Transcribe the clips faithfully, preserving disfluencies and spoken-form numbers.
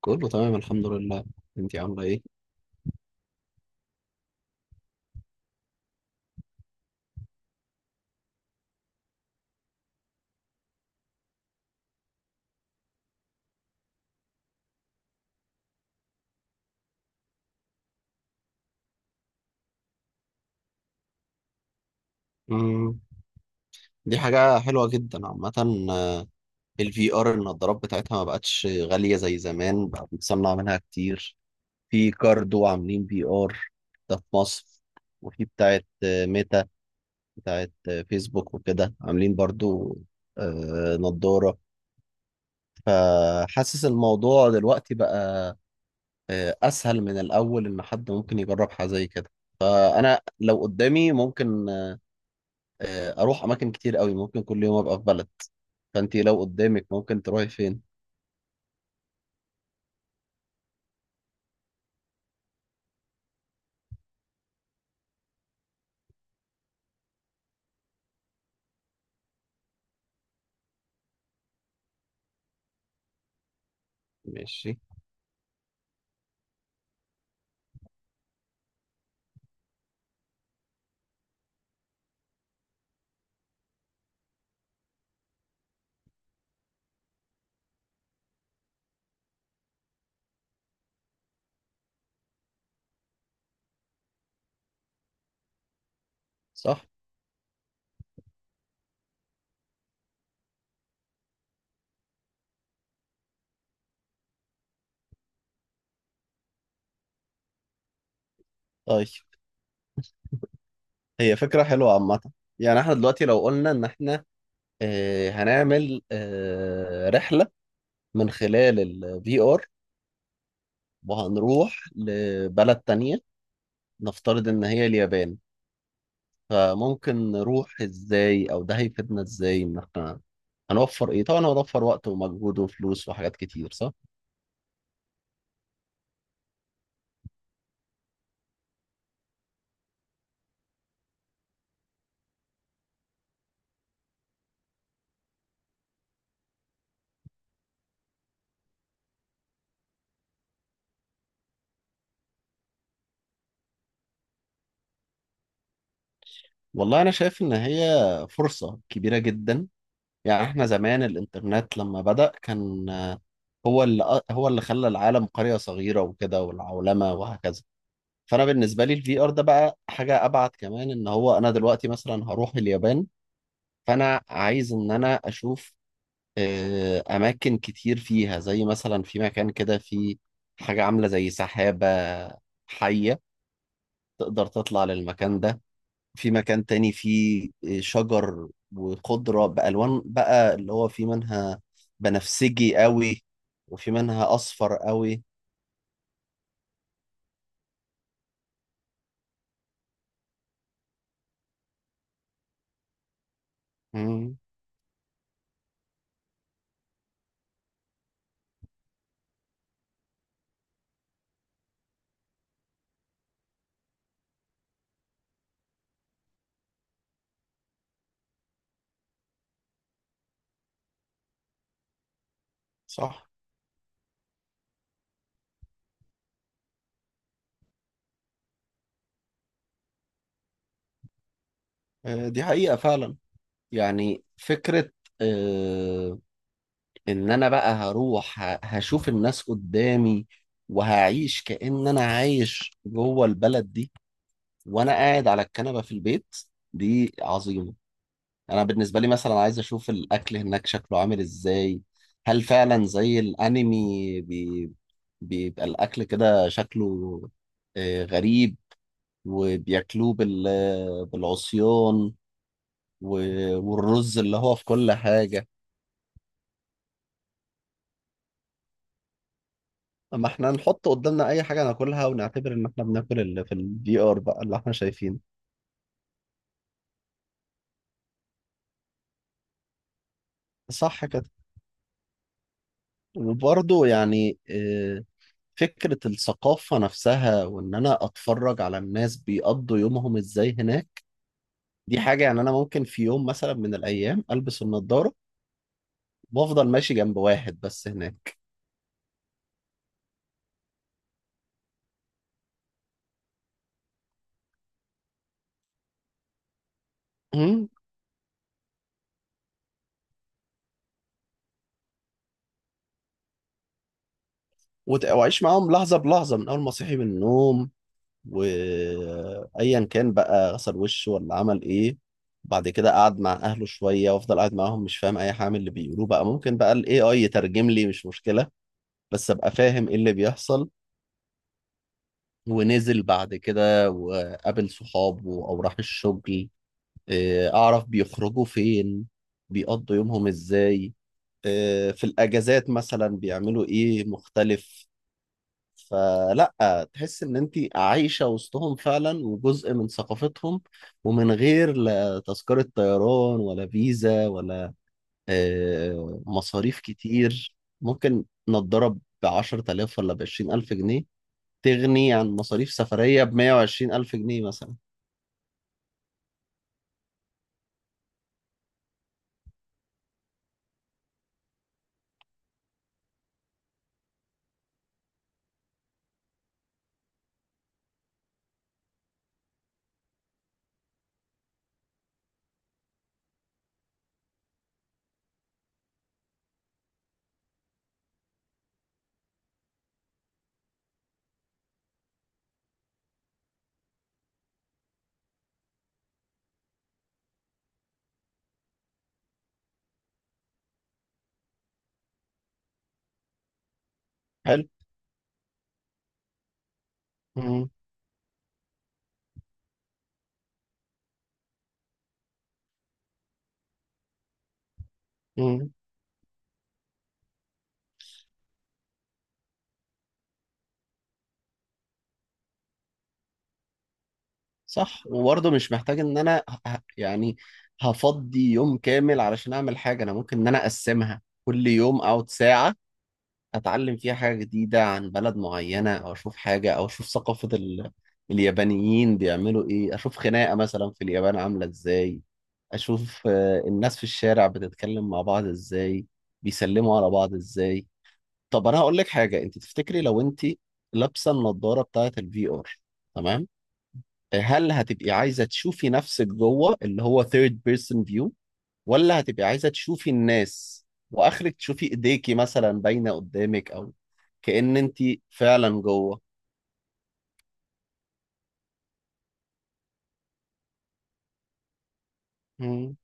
كله تمام، الحمد لله. انتي عامله ايه؟ مم. دي حاجه حلوه جدا عامه. الفي ار، النضارات بتاعتها ما بقتش غاليه زي زمان، بقى بنتصنع منها كتير. في كاردو عاملين في ار، ده في مصر. وفي بتاعت آه، ميتا، بتاعت آه، فيسبوك وكده عاملين برضو آه، نضاره. فحاسس الموضوع دلوقتي بقى آه، اسهل من الاول، ان حد ممكن يجرب حاجه زي كده. فانا لو قدامي ممكن آه، اروح اماكن كتير قوي، ممكن كل يوم ابقى في بلد. فانت لو قدامك ممكن تروحي فين؟ ماشي. صح. طيب، هي فكرة حلوة عامة. يعني احنا دلوقتي لو قلنا ان احنا آه، هنعمل آه، رحلة من خلال الفي ار، وهنروح لبلد تانية، نفترض ان هي اليابان. فممكن نروح ازاي، او ده هيفيدنا ازاي؟ ان احنا هنوفر ايه؟ طبعا هنوفر وقت ومجهود وفلوس وحاجات كتير، صح. والله انا شايف ان هي فرصة كبيرة جدا. يعني احنا زمان، الانترنت لما بدأ كان آه، هو اللي هو اللي خلى العالم قرية صغيرة وكده، والعولمة وهكذا. فأنا بالنسبة لي الفي ار ده بقى حاجة أبعد كمان، إن هو أنا دلوقتي مثلا هروح اليابان. فأنا عايز إن أنا أشوف آه، أماكن كتير فيها، زي مثلا في مكان كده في حاجة عاملة زي سحابة حية، تقدر تطلع للمكان ده. في مكان تاني فيه شجر وخضرة بألوان، بقى اللي هو في منها بنفسجي قوي وفي منها أصفر قوي. مم. صح. آه، دي حقيقة فعلا. يعني فكرة، آه، إن أنا بقى هروح ه- هشوف الناس قدامي، وهعيش كأن أنا عايش جوه البلد دي، وأنا قاعد على الكنبة في البيت. دي عظيمة. انا بالنسبه لي مثلا عايز اشوف الاكل هناك شكله عامل ازاي. هل فعلا زي الانمي بي... بيبقى الاكل كده شكله آه، غريب؟ وبياكلوه بال... بالعصيان، و... والرز اللي هو في كل حاجه. اما احنا نحط قدامنا اي حاجه ناكلها ونعتبر ان احنا بناكل اللي في الفي ار بقى، اللي احنا شايفينه. صح كده. وبرضه يعني آه، فكره الثقافه نفسها، وان انا اتفرج على الناس بيقضوا يومهم ازاي هناك. دي حاجة. يعني أنا ممكن في يوم مثلا من الأيام ألبس النضارة، وأفضل ماشي جنب واحد بس هناك. أمم، وت- وأعيش معاهم لحظة بلحظة، من أول ما صحي من النوم، وأيا كان بقى غسل وشه ولا عمل إيه. بعد كده قعد مع أهله شوية، وأفضل قاعد معاهم مش فاهم أي حاجة من اللي بيقولوه. بقى ممكن بقى ال اي اي يترجم لي، مش مشكلة. بس أبقى فاهم إيه اللي بيحصل. ونزل بعد كده وقابل صحابه أو راح الشغل. إيه، أعرف بيخرجوا فين، بيقضوا يومهم إزاي، آه، في الأجازات مثلا بيعملوا إيه مختلف. فلا، تحس إن أنت عايشة وسطهم فعلا، وجزء من ثقافتهم. ومن غير لا تذكرة طيران ولا فيزا ولا آه، مصاريف كتير، ممكن نضرب بعشرة آلاف ولا بعشرين ألف جنيه. تغني عن مصاريف سفرية بمية وعشرين ألف جنيه مثلا. حلو. مم. مم. صح. وبرضه مش محتاج ان انا ه- ه- يعني هفضي يوم كامل علشان اعمل حاجه، انا ممكن ان انا اقسمها كل يوم او ساعه، اتعلم فيها حاجه جديده عن بلد معينه، او اشوف حاجه، او اشوف ثقافه ال... اليابانيين بيعملوا ايه، اشوف خناقه مثلا في اليابان عامله ازاي، اشوف آه، الناس في الشارع بتتكلم مع بعض ازاي، بيسلموا على بعض ازاي. طب انا هقول لك حاجه. انت تفتكري لو انت لابسه النضاره بتاعه الفي ار، تمام؟ هل هتبقي عايزة تشوفي نفسك جوه، اللي هو third person view، ولا هتبقي عايزة تشوفي الناس، واخرك تشوفي ايديكي مثلا باينة قدامك، او كأن انت فعلا جوه؟ مم.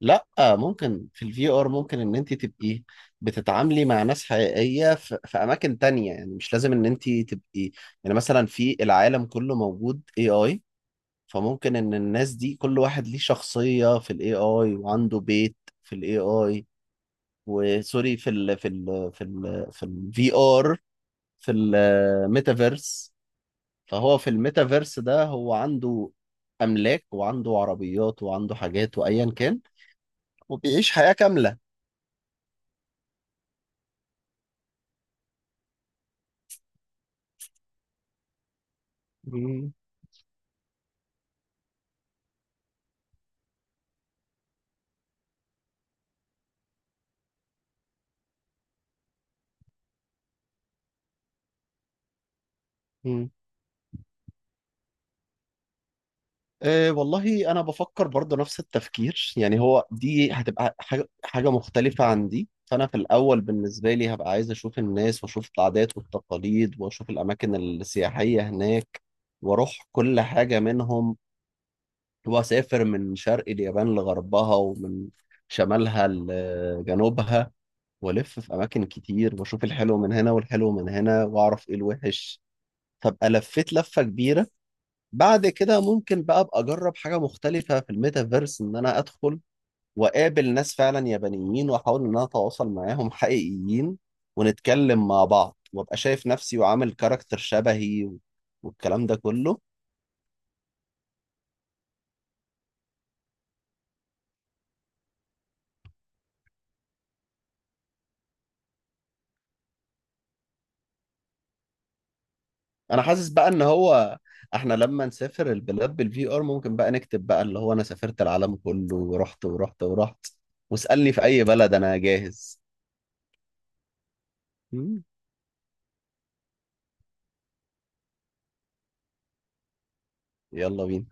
لا، ممكن في الفي ار ممكن ان انت تبقي بتتعاملي مع ناس حقيقية في, في اماكن تانية، يعني مش لازم ان انت تبقي. يعني مثلا في العالم كله موجود اي اي، فممكن ان الناس دي كل واحد ليه شخصية في الاي اي وعنده بيت في الاي اي. وسوري، في ال في ال في ال في الفي ار في الميتافيرس. فهو في الميتافيرس ده، هو عنده املاك وعنده عربيات وعنده حاجات وايا كان، وبيعيش حياة كاملة. مم. مم. أه والله انا بفكر برضه نفس التفكير. يعني هو دي هتبقى حاجة حاجة مختلفة عن دي. فانا في الاول بالنسبة لي هبقى عايز اشوف الناس، واشوف العادات والتقاليد، واشوف الاماكن السياحية هناك، واروح كل حاجة منهم. هو سافر من شرق اليابان لغربها، ومن شمالها لجنوبها، والف في اماكن كتير، واشوف الحلو من هنا والحلو من هنا، واعرف ايه الوحش. فابقى لفيت لفه كبيره. بعد كده ممكن بقى ابقى اجرب حاجه مختلفه في الميتافيرس، ان انا ادخل واقابل ناس فعلا يابانيين، واحاول ان انا اتواصل معاهم حقيقيين، ونتكلم مع بعض، وابقى شايف نفسي وعامل كاركتر شبهي والكلام ده كله. انا حاسس بقى ان هو، احنا لما نسافر البلاد بالفي ار ممكن بقى نكتب بقى اللي هو انا سافرت العالم كله ورحت ورحت ورحت، واسألني في اي بلد انا جاهز. مم. يلا بينا.